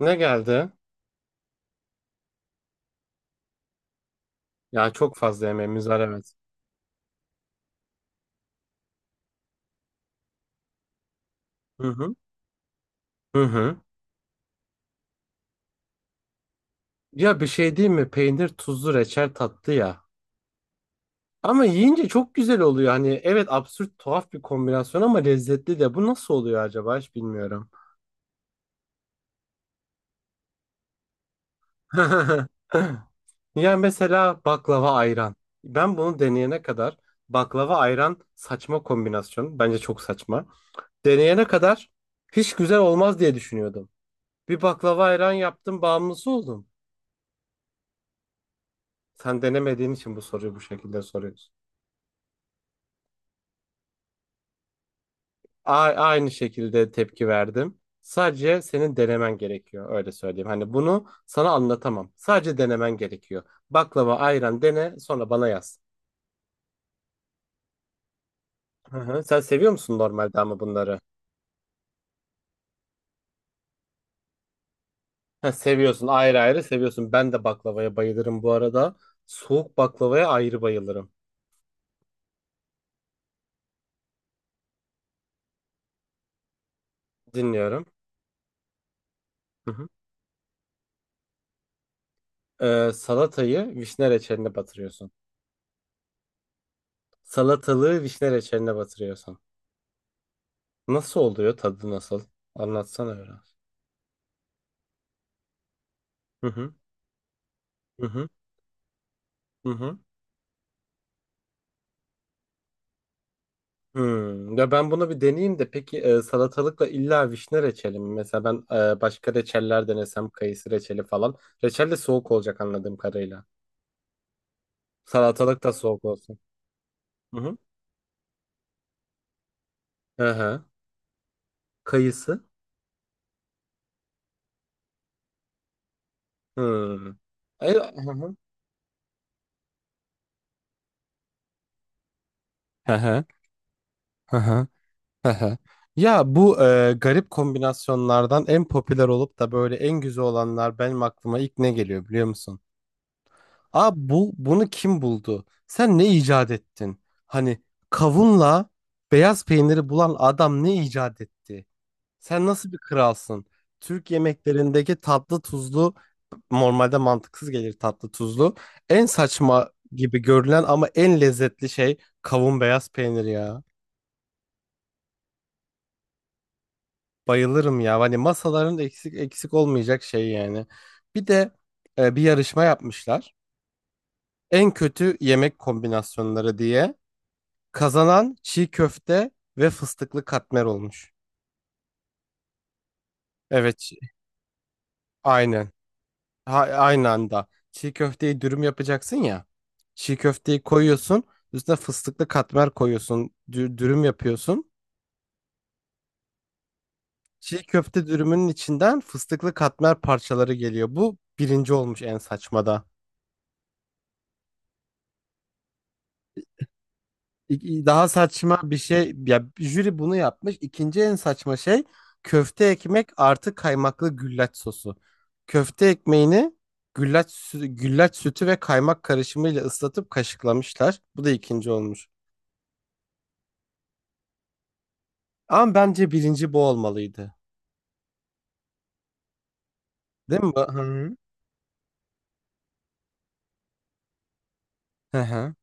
Ne geldi? Ya çok fazla yemeğimiz var, evet. Hı hı. Hı hı. Ya bir şey değil mi? Peynir, tuzlu, reçel tatlı ya. Ama yiyince çok güzel oluyor. Hani evet, absürt tuhaf bir kombinasyon ama lezzetli de. Bu nasıl oluyor acaba, hiç bilmiyorum. Ya mesela baklava ayran. Ben bunu deneyene kadar baklava ayran saçma kombinasyon. Bence çok saçma. Deneyene kadar hiç güzel olmaz diye düşünüyordum. Bir baklava ayran yaptım, bağımlısı oldum. Sen denemediğin için bu soruyu bu şekilde soruyorsun. Aynı şekilde tepki verdim. Sadece senin denemen gerekiyor. Öyle söyleyeyim. Hani bunu sana anlatamam. Sadece denemen gerekiyor. Baklava, ayran dene, sonra bana yaz. Hı hı. Sen seviyor musun normalde ama bunları? Ha, seviyorsun, ayrı ayrı seviyorsun. Ben de baklavaya bayılırım bu arada. Soğuk baklavaya ayrı bayılırım. Dinliyorum. Hı hı. Salatayı vişne reçeline batırıyorsun. Salatalığı vişne reçeline batırıyorsun. Nasıl oluyor? Tadı nasıl? Anlatsana biraz. Hı hı. Hı hı. Hı hı. Hmm. Ya ben bunu bir deneyeyim de, peki salatalıkla illa vişne reçeli mi? Mesela ben başka reçeller denesem, kayısı reçeli falan. Reçel de soğuk olacak anladığım kadarıyla. Salatalık da soğuk olsun. Hı hı. Hı hı. Kayısı. Hmm. Ay, hı hı. Hı hı. Hı hı. Hı hı. Ya bu garip kombinasyonlardan en popüler olup da böyle en güzel olanlar, benim aklıma ilk ne geliyor biliyor musun? Abi bu, bunu kim buldu? Sen ne icat ettin? Hani kavunla beyaz peyniri bulan adam ne icat etti? Sen nasıl bir kralsın? Türk yemeklerindeki tatlı tuzlu, normalde mantıksız gelir tatlı tuzlu. En saçma gibi görülen ama en lezzetli şey kavun beyaz peynir ya. Bayılırım ya. Hani masaların eksik eksik olmayacak şey yani. Bir de bir yarışma yapmışlar. En kötü yemek kombinasyonları diye. Kazanan çiğ köfte ve fıstıklı katmer olmuş. Evet, aynen. Ha, aynı anda. Çiğ köfteyi dürüm yapacaksın ya. Çiğ köfteyi koyuyorsun. Üstüne fıstıklı katmer koyuyorsun. Dürüm yapıyorsun. Çiğ köfte dürümünün içinden fıstıklı katmer parçaları geliyor. Bu birinci olmuş, en saçmada. Daha saçma bir şey, ya jüri bunu yapmış. İkinci en saçma şey: köfte ekmek artı kaymaklı güllaç sosu. Köfte ekmeğini güllaç sütü ve kaymak karışımıyla ıslatıp kaşıklamışlar. Bu da ikinci olmuş. Ama bence birinci bu olmalıydı. Değil mi bu? Hı hı. Hı hı.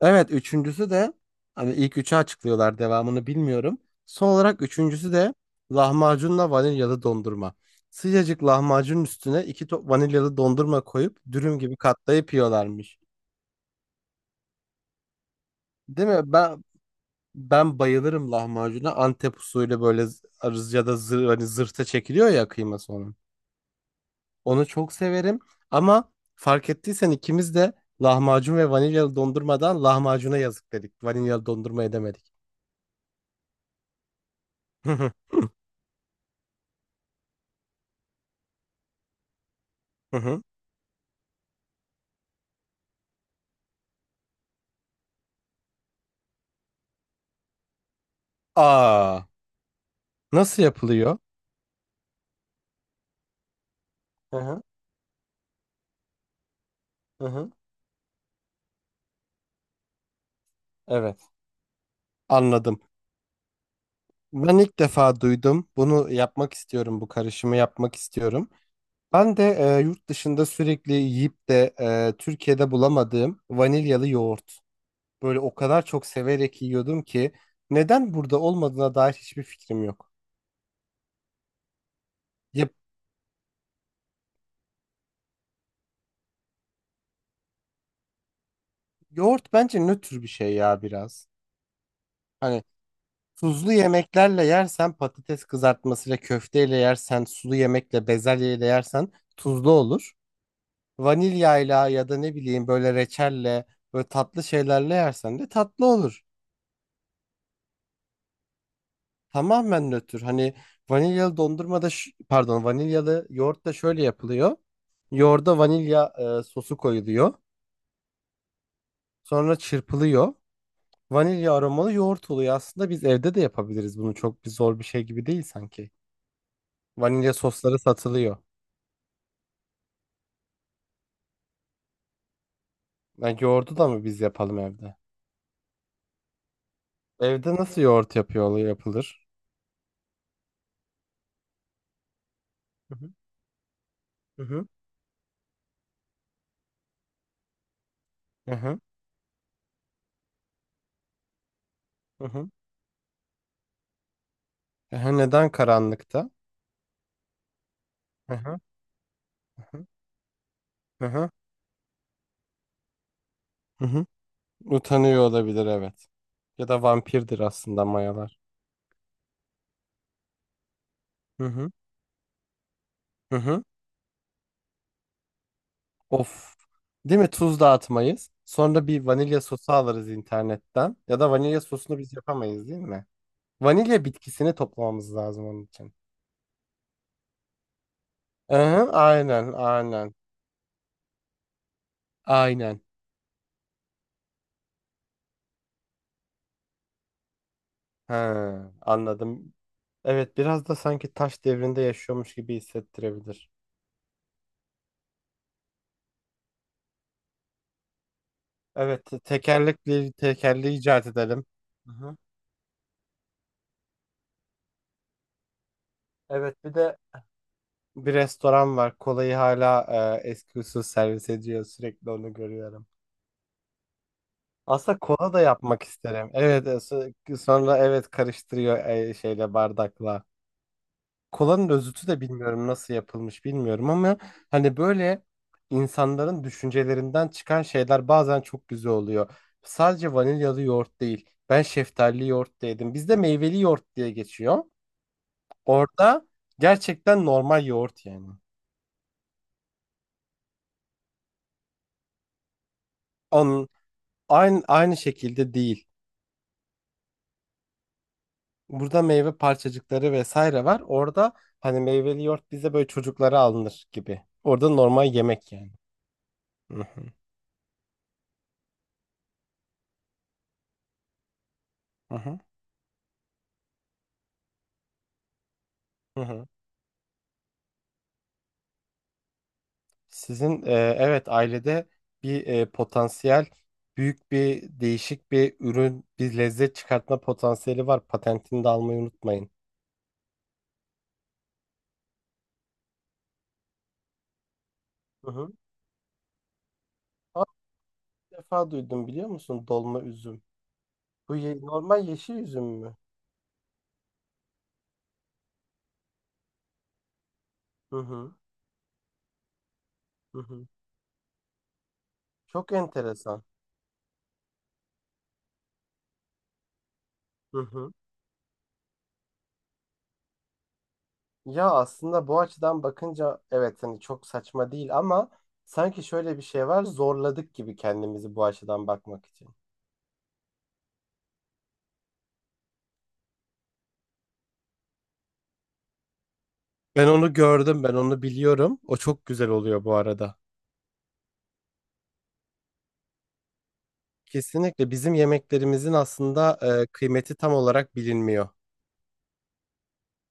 Evet, üçüncüsü de, hani ilk üçü açıklıyorlar, devamını bilmiyorum. Son olarak üçüncüsü de lahmacunla vanilyalı dondurma. Sıcacık lahmacunun üstüne iki top vanilyalı dondurma koyup dürüm gibi katlayıp yiyorlarmış. Değil mi? Ben bayılırım lahmacuna. Antep usulü böyle arız ya da zır, hani zırhta çekiliyor ya kıyması onun. Onu çok severim ama fark ettiysen ikimiz de lahmacun ve vanilyalı dondurmadan lahmacuna yazık dedik. Vanilyalı dondurma edemedik. Aa, nasıl yapılıyor? Hı hı. Hı hı. Evet. Anladım. Ben ilk defa duydum. Bunu yapmak istiyorum. Bu karışımı yapmak istiyorum. Ben de yurt dışında sürekli yiyip de Türkiye'de bulamadığım vanilyalı yoğurt. Böyle o kadar çok severek yiyordum ki, neden burada olmadığına dair hiçbir fikrim yok. Ya, yoğurt bence nötr bir şey ya biraz. Hani, tuzlu yemeklerle yersen, patates kızartmasıyla köfteyle yersen, sulu yemekle bezelyeyle yersen tuzlu olur. Vanilyayla ya da ne bileyim böyle reçelle, böyle tatlı şeylerle yersen de tatlı olur. Tamamen nötr. Hani vanilyalı dondurma da, pardon, vanilyalı yoğurt da şöyle yapılıyor. Yoğurda vanilya sosu koyuluyor. Sonra çırpılıyor. Vanilya aromalı yoğurt oluyor. Aslında biz evde de yapabiliriz bunu. Çok bir zor bir şey gibi değil sanki. Vanilya sosları satılıyor. Ya yoğurdu da mı biz yapalım evde? Evde nasıl yoğurt yapıyor yapılır? Hı hı hı hı hı. Hı hı. Ehe, neden karanlıkta? Hı hı hı hı hı. Hı hı. Hı. Utanıyor olabilir, evet. Ya da vampirdir aslında mayalar. Hı hı hı hı. Of. Değil mi? Tuz dağıtmayız. Sonra bir vanilya sosu alırız internetten. Ya da vanilya sosunu biz yapamayız değil mi? Vanilya bitkisini toplamamız lazım onun için. Hı hı, aynen aynen. Aynen. He, anladım. Evet, biraz da sanki taş devrinde yaşıyormuş gibi hissettirebilir. Evet, tekerlekli tekerleği icat edelim. Hı hı. Evet, bir de bir restoran var. Kolayı hala eski usul servis ediyor. Sürekli onu görüyorum. Aslında kola da yapmak isterim. Evet, sonra evet karıştırıyor şeyle, bardakla. Kolanın özütü de, bilmiyorum nasıl yapılmış bilmiyorum, ama hani böyle insanların düşüncelerinden çıkan şeyler bazen çok güzel oluyor. Sadece vanilyalı yoğurt değil. Ben şeftalili yoğurt da yedim. Bizde meyveli yoğurt diye geçiyor. Orada gerçekten normal yoğurt yani. Onun aynı aynı şekilde değil. Burada meyve parçacıkları vesaire var. Orada hani meyveli yoğurt bize böyle çocuklara alınır gibi. Orada normal yemek yani. Hı hı. Hı hı. Hı hı. Sizin evet, ailede bir potansiyel, büyük bir değişik bir ürün, bir lezzet çıkartma potansiyeli var. Patentini de almayı unutmayın. Hı hı. Aa, bir defa duydum biliyor musun, dolma üzüm. Bu normal yeşil üzüm mü? Hı hı. Hı hı. Çok enteresan. Hı hı. Ya aslında bu açıdan bakınca evet, hani çok saçma değil, ama sanki şöyle bir şey var, zorladık gibi kendimizi bu açıdan bakmak için. Ben onu gördüm, ben onu biliyorum. O çok güzel oluyor bu arada. Kesinlikle bizim yemeklerimizin aslında kıymeti tam olarak bilinmiyor.